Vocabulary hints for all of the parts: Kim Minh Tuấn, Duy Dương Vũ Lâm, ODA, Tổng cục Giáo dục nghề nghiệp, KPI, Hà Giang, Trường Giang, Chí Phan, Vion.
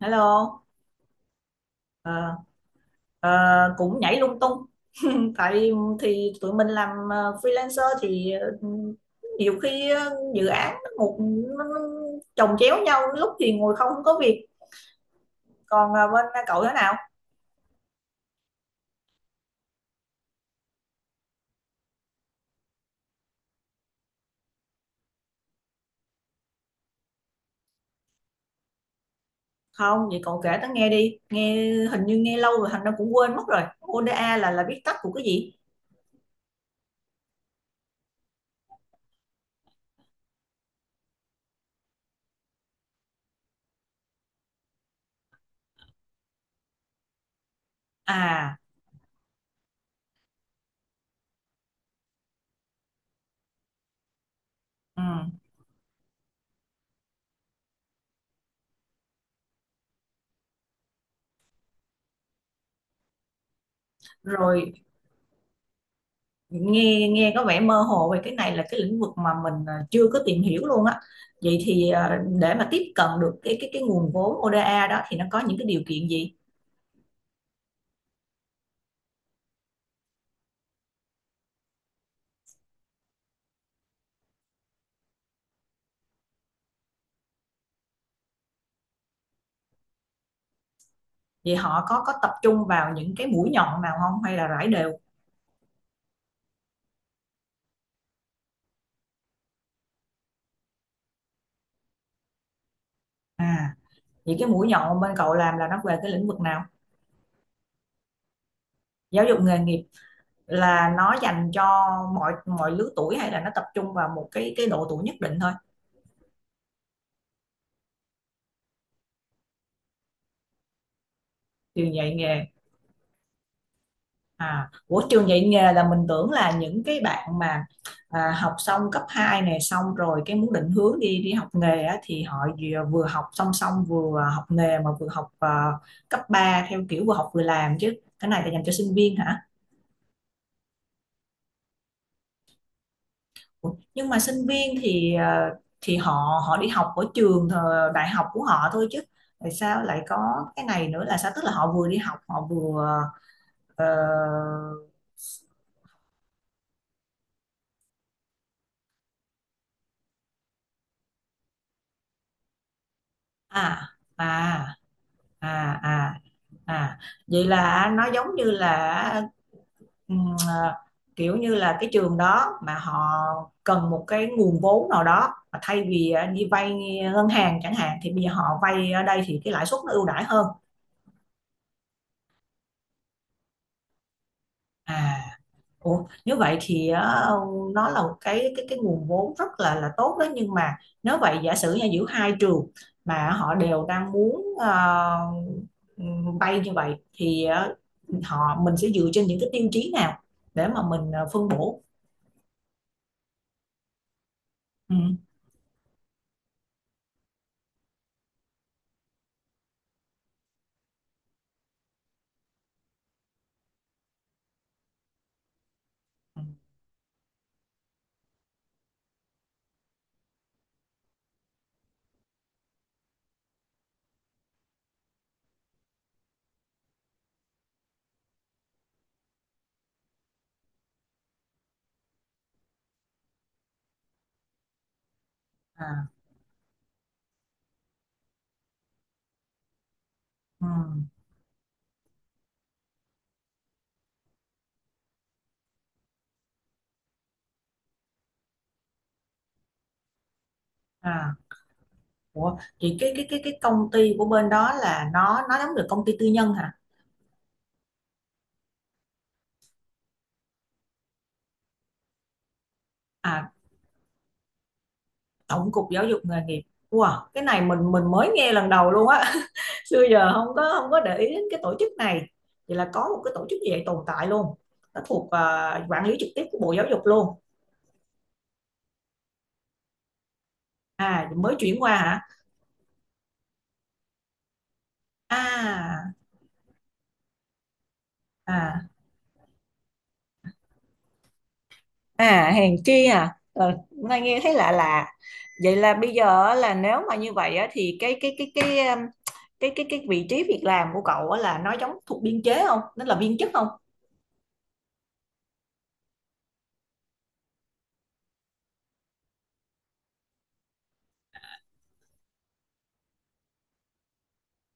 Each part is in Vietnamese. Hello, ờ, ờ, cũng nhảy lung tung. Tại thì tụi mình làm freelancer thì nhiều khi dự án nó một nó chồng chéo nhau, lúc thì ngồi không có việc. Còn bên cậu thế nào? Không, vậy cậu kể tớ nghe đi. Hình như nghe lâu rồi, thành ra cũng quên mất rồi. ODA là viết tắt của cái gì? À, ừ. Rồi, nghe nghe có vẻ mơ hồ về cái này, là cái lĩnh vực mà mình chưa có tìm hiểu luôn á. Vậy thì để mà tiếp cận được cái nguồn vốn ODA đó thì nó có những cái điều kiện gì? Vậy họ có tập trung vào những cái mũi nhọn nào không hay là rải đều? À, vậy cái mũi nhọn bên cậu làm là nó về cái lĩnh vực nào? Giáo dục nghề nghiệp là nó dành cho mọi mọi lứa tuổi hay là nó tập trung vào một cái độ tuổi nhất định thôi? Trường dạy nghề. À, của trường dạy nghề là mình tưởng là những cái bạn mà học xong cấp 2 này, xong rồi cái muốn định hướng đi đi học nghề á, thì họ vừa học song song vừa học nghề mà vừa học cấp 3 theo kiểu vừa học vừa làm chứ. Cái này là dành cho sinh viên hả? Ủa, nhưng mà sinh viên thì họ họ đi học ở trường đại học của họ thôi chứ tại sao lại có cái này nữa là sao, tức là họ vừa đi học họ vừa ờ, à, à, à, à. À, vậy là nó giống như là, ừm, à, kiểu như là cái trường đó mà họ cần một cái nguồn vốn nào đó mà thay vì đi vay ngân hàng chẳng hạn thì bây giờ họ vay ở đây thì cái lãi suất nó ưu đãi hơn. À. Ủa, nếu vậy thì á, nó là một cái nguồn vốn rất là tốt đó nhưng mà nếu vậy giả sử như giữa hai trường mà họ đều đang muốn bay như vậy thì ờ, họ mình sẽ dựa trên những cái tiêu chí nào để mà mình phân bổ. Ừ. Ừ, à, ừ, à. Ủa, thì cái công ty của bên đó là nó giống được công ty tư nhân hả? À, Tổng cục Giáo dục nghề nghiệp. Wow, cái này mình mới nghe lần đầu luôn á. Xưa giờ không có để ý đến cái tổ chức này. Vậy là có một cái tổ chức như vậy tồn tại luôn. Nó thuộc quản lý trực tiếp của Bộ Giáo dục luôn? À, mới chuyển qua hả? À, à, à, hèn chi. À, ờ, nghe nghe thấy lạ lạ. Vậy là bây giờ á, là nếu mà như vậy á, thì cái vị trí việc làm của cậu á, là nó giống thuộc biên chế không, nó là viên chức không?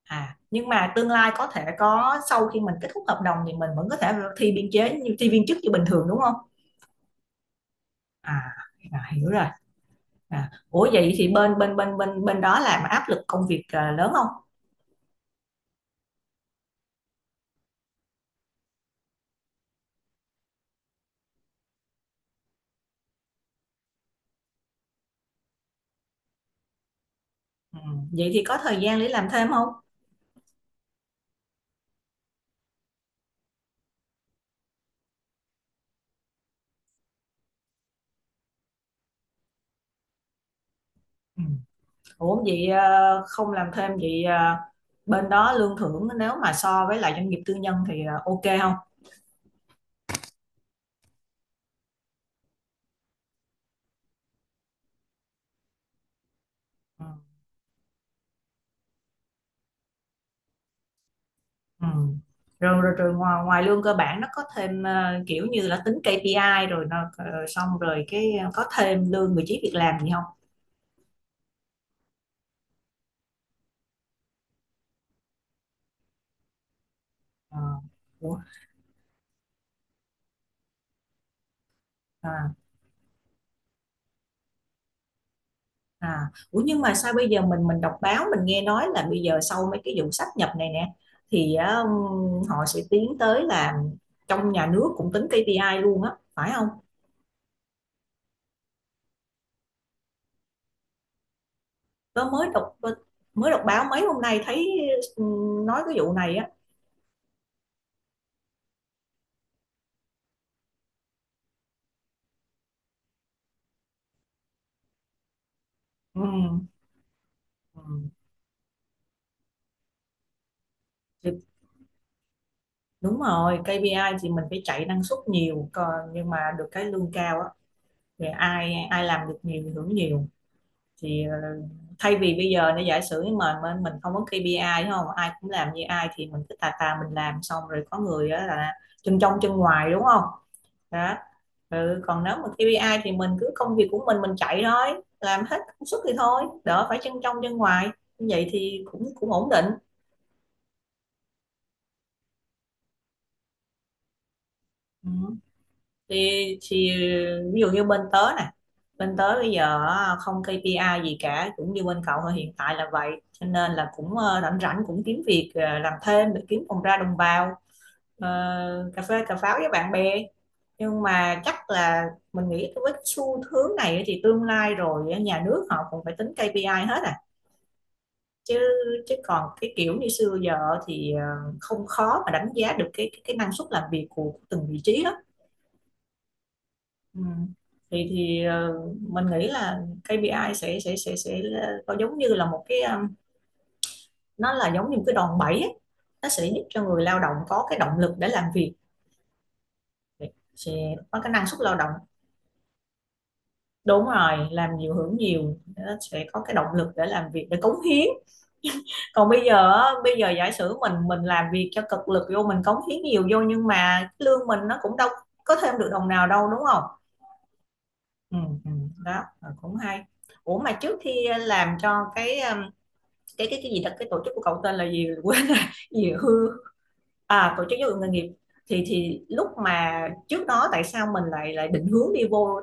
À, nhưng mà tương lai có thể có sau khi mình kết thúc hợp đồng thì mình vẫn có thể thi biên chế như thi viên chức như bình thường đúng không? À, à hiểu rồi. À, ủa vậy thì bên bên bên bên bên đó làm áp lực công việc lớn không? Ừ, vậy thì có thời gian để làm thêm không? Ừ. Ủa vậy à, không làm thêm vậy à, bên đó lương thưởng nếu mà so với lại doanh nghiệp tư nhân thì ok không? Ừ. Ừ. Rồi, rồi, rồi, ngoài ngoài lương cơ bản nó có thêm kiểu như là tính KPI rồi nó xong rồi cái có thêm lương vị trí việc làm gì không? Ờ. Ủa, à, à. Ủa nhưng mà sao bây giờ mình đọc báo, mình nghe nói là bây giờ sau mấy cái vụ sáp nhập này nè thì họ sẽ tiến tới là trong nhà nước cũng tính KPI luôn á phải không? Tớ mới đọc báo mấy hôm nay thấy ừ, nói cái vụ này á. Ừ. Ừ. Đúng rồi, KPI thì mình phải chạy năng suất nhiều, còn nhưng mà được cái lương cao á thì ai ai làm được nhiều thì hưởng nhiều. Thì thay vì bây giờ nó giả sử mà mình không có KPI đúng không, ai cũng làm như ai thì mình cứ tà tà mình làm xong rồi có người đó là chân trong chân ngoài đúng không đó. Ừ, còn nếu mà KPI thì mình cứ công việc của mình chạy thôi, làm hết công suất thì thôi, đỡ phải chân trong chân ngoài. Như vậy thì cũng cũng ổn định. Ừ. thì, thì ví dụ như bên tớ nè, bên tớ bây giờ á, không KPI gì cả, cũng như bên cậu thôi, hiện tại là vậy. Cho nên là cũng rảnh rảnh cũng kiếm việc làm thêm để kiếm phòng ra đồng bào ờ, cà phê cà pháo với bạn bè. Nhưng mà chắc là mình nghĩ với cái xu hướng này á thì tương lai rồi á, nhà nước họ cũng phải tính KPI hết à chứ. Còn cái kiểu như xưa giờ thì không khó mà đánh giá được cái năng suất làm việc của từng vị trí lắm. Ừ. Thì mình nghĩ là KPI sẽ có giống như là một cái nó là giống như một cái đòn bẩy ấy. Nó sẽ giúp cho người lao động có cái động lực để làm việc, sẽ có cái năng suất lao động. Đúng rồi, làm nhiều hưởng nhiều, nó sẽ có cái động lực để làm việc, để cống hiến. Còn bây giờ á, bây giờ giả sử mình làm việc cho cực lực vô, mình cống hiến nhiều vô, nhưng mà cái lương mình nó cũng đâu có thêm được đồng nào đâu đúng không? Ừ, ừ, đó cũng hay. Ủa mà trước khi làm cho cái cái gì thật, cái tổ chức của cậu tên là gì? Quên rồi, gì hư à, tổ chức giáo dục nghề nghiệp. Thì lúc mà trước đó tại sao mình lại lại định hướng đi vô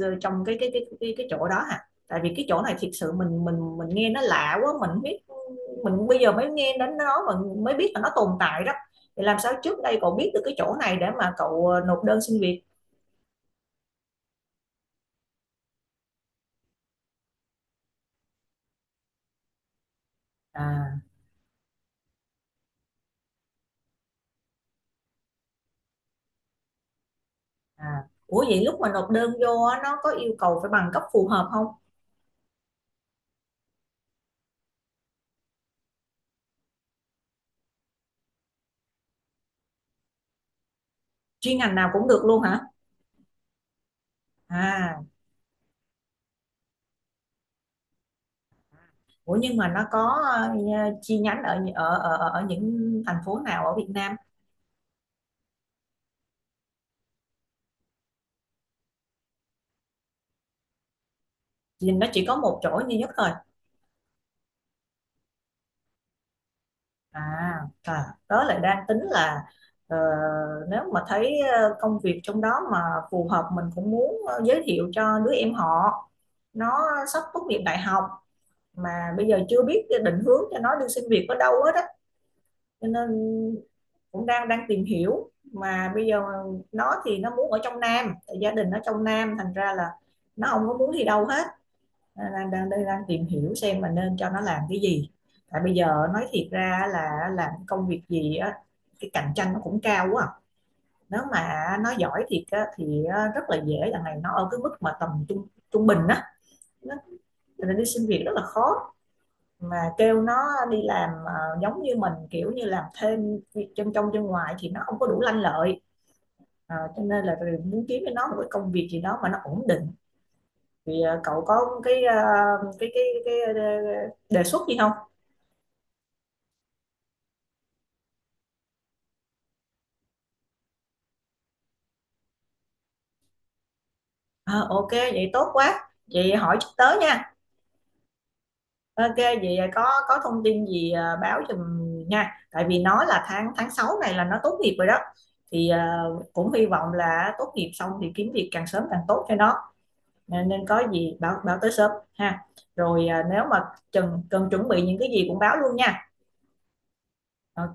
trong cái chỗ đó hả? Tại vì cái chỗ này thiệt sự mình nghe nó lạ quá. Mình biết, mình bây giờ mới nghe đến nó mà, mới biết là nó tồn tại đó. Thì làm sao trước đây cậu biết được cái chỗ này để mà cậu nộp đơn xin việc? À, à, ủa vậy lúc mà nộp đơn vô nó có yêu cầu phải bằng cấp phù hợp không? Chuyên ngành nào cũng được luôn hả? À, ủa nhưng mà nó có chi nhánh ở ở ở ở những thành phố nào ở Việt Nam? Thì nó chỉ có một chỗ duy nhất thôi. À, à, đó lại đang tính là ờ, nếu mà thấy công việc trong đó mà phù hợp, mình cũng muốn giới thiệu cho đứa em họ. Nó sắp tốt nghiệp đại học mà bây giờ chưa biết định hướng cho nó đi xin việc ở đâu hết á. Cho nên cũng đang đang tìm hiểu mà bây giờ, nó thì nó muốn ở trong Nam, gia đình nó trong Nam, thành ra là nó không có muốn đi đâu hết. Đang tìm hiểu xem mà nên cho nó làm cái gì. Tại bây giờ nói thiệt ra là làm công việc gì á, cái cạnh tranh nó cũng cao quá à. Nếu mà nó giỏi thiệt á, thì rất là dễ, là này nó ở cái mức mà tầm trung trung bình á. Cho nên đi xin việc rất là khó, mà kêu nó đi làm giống như mình kiểu như làm thêm việc chân trong chân ngoài thì nó không có đủ lanh lợi. Ờ, cho nên là rồi muốn kiếm cho nó một cái công việc gì đó mà nó ổn định. Thì cậu có cái cái đề xuất gì không? Ờ, ok vậy tốt quá, vậy hỏi chút tới nha. Ok vậy có thông tin gì báo giùm nha, tại vì nó là tháng tháng 6 này là nó tốt nghiệp rồi đó. Thì cũng hy vọng là tốt nghiệp xong thì kiếm việc càng sớm càng tốt cho nó. Nên, có gì báo báo tới shop ha. Rồi nếu mà cần cần chuẩn bị những cái gì cũng báo luôn nha. Ok,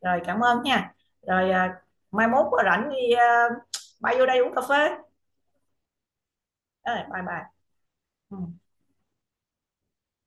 rồi cảm ơn nha. Rồi mai mốt có rảnh thì bay vô đây uống cà phê. Ờ, bye bye. Ừ.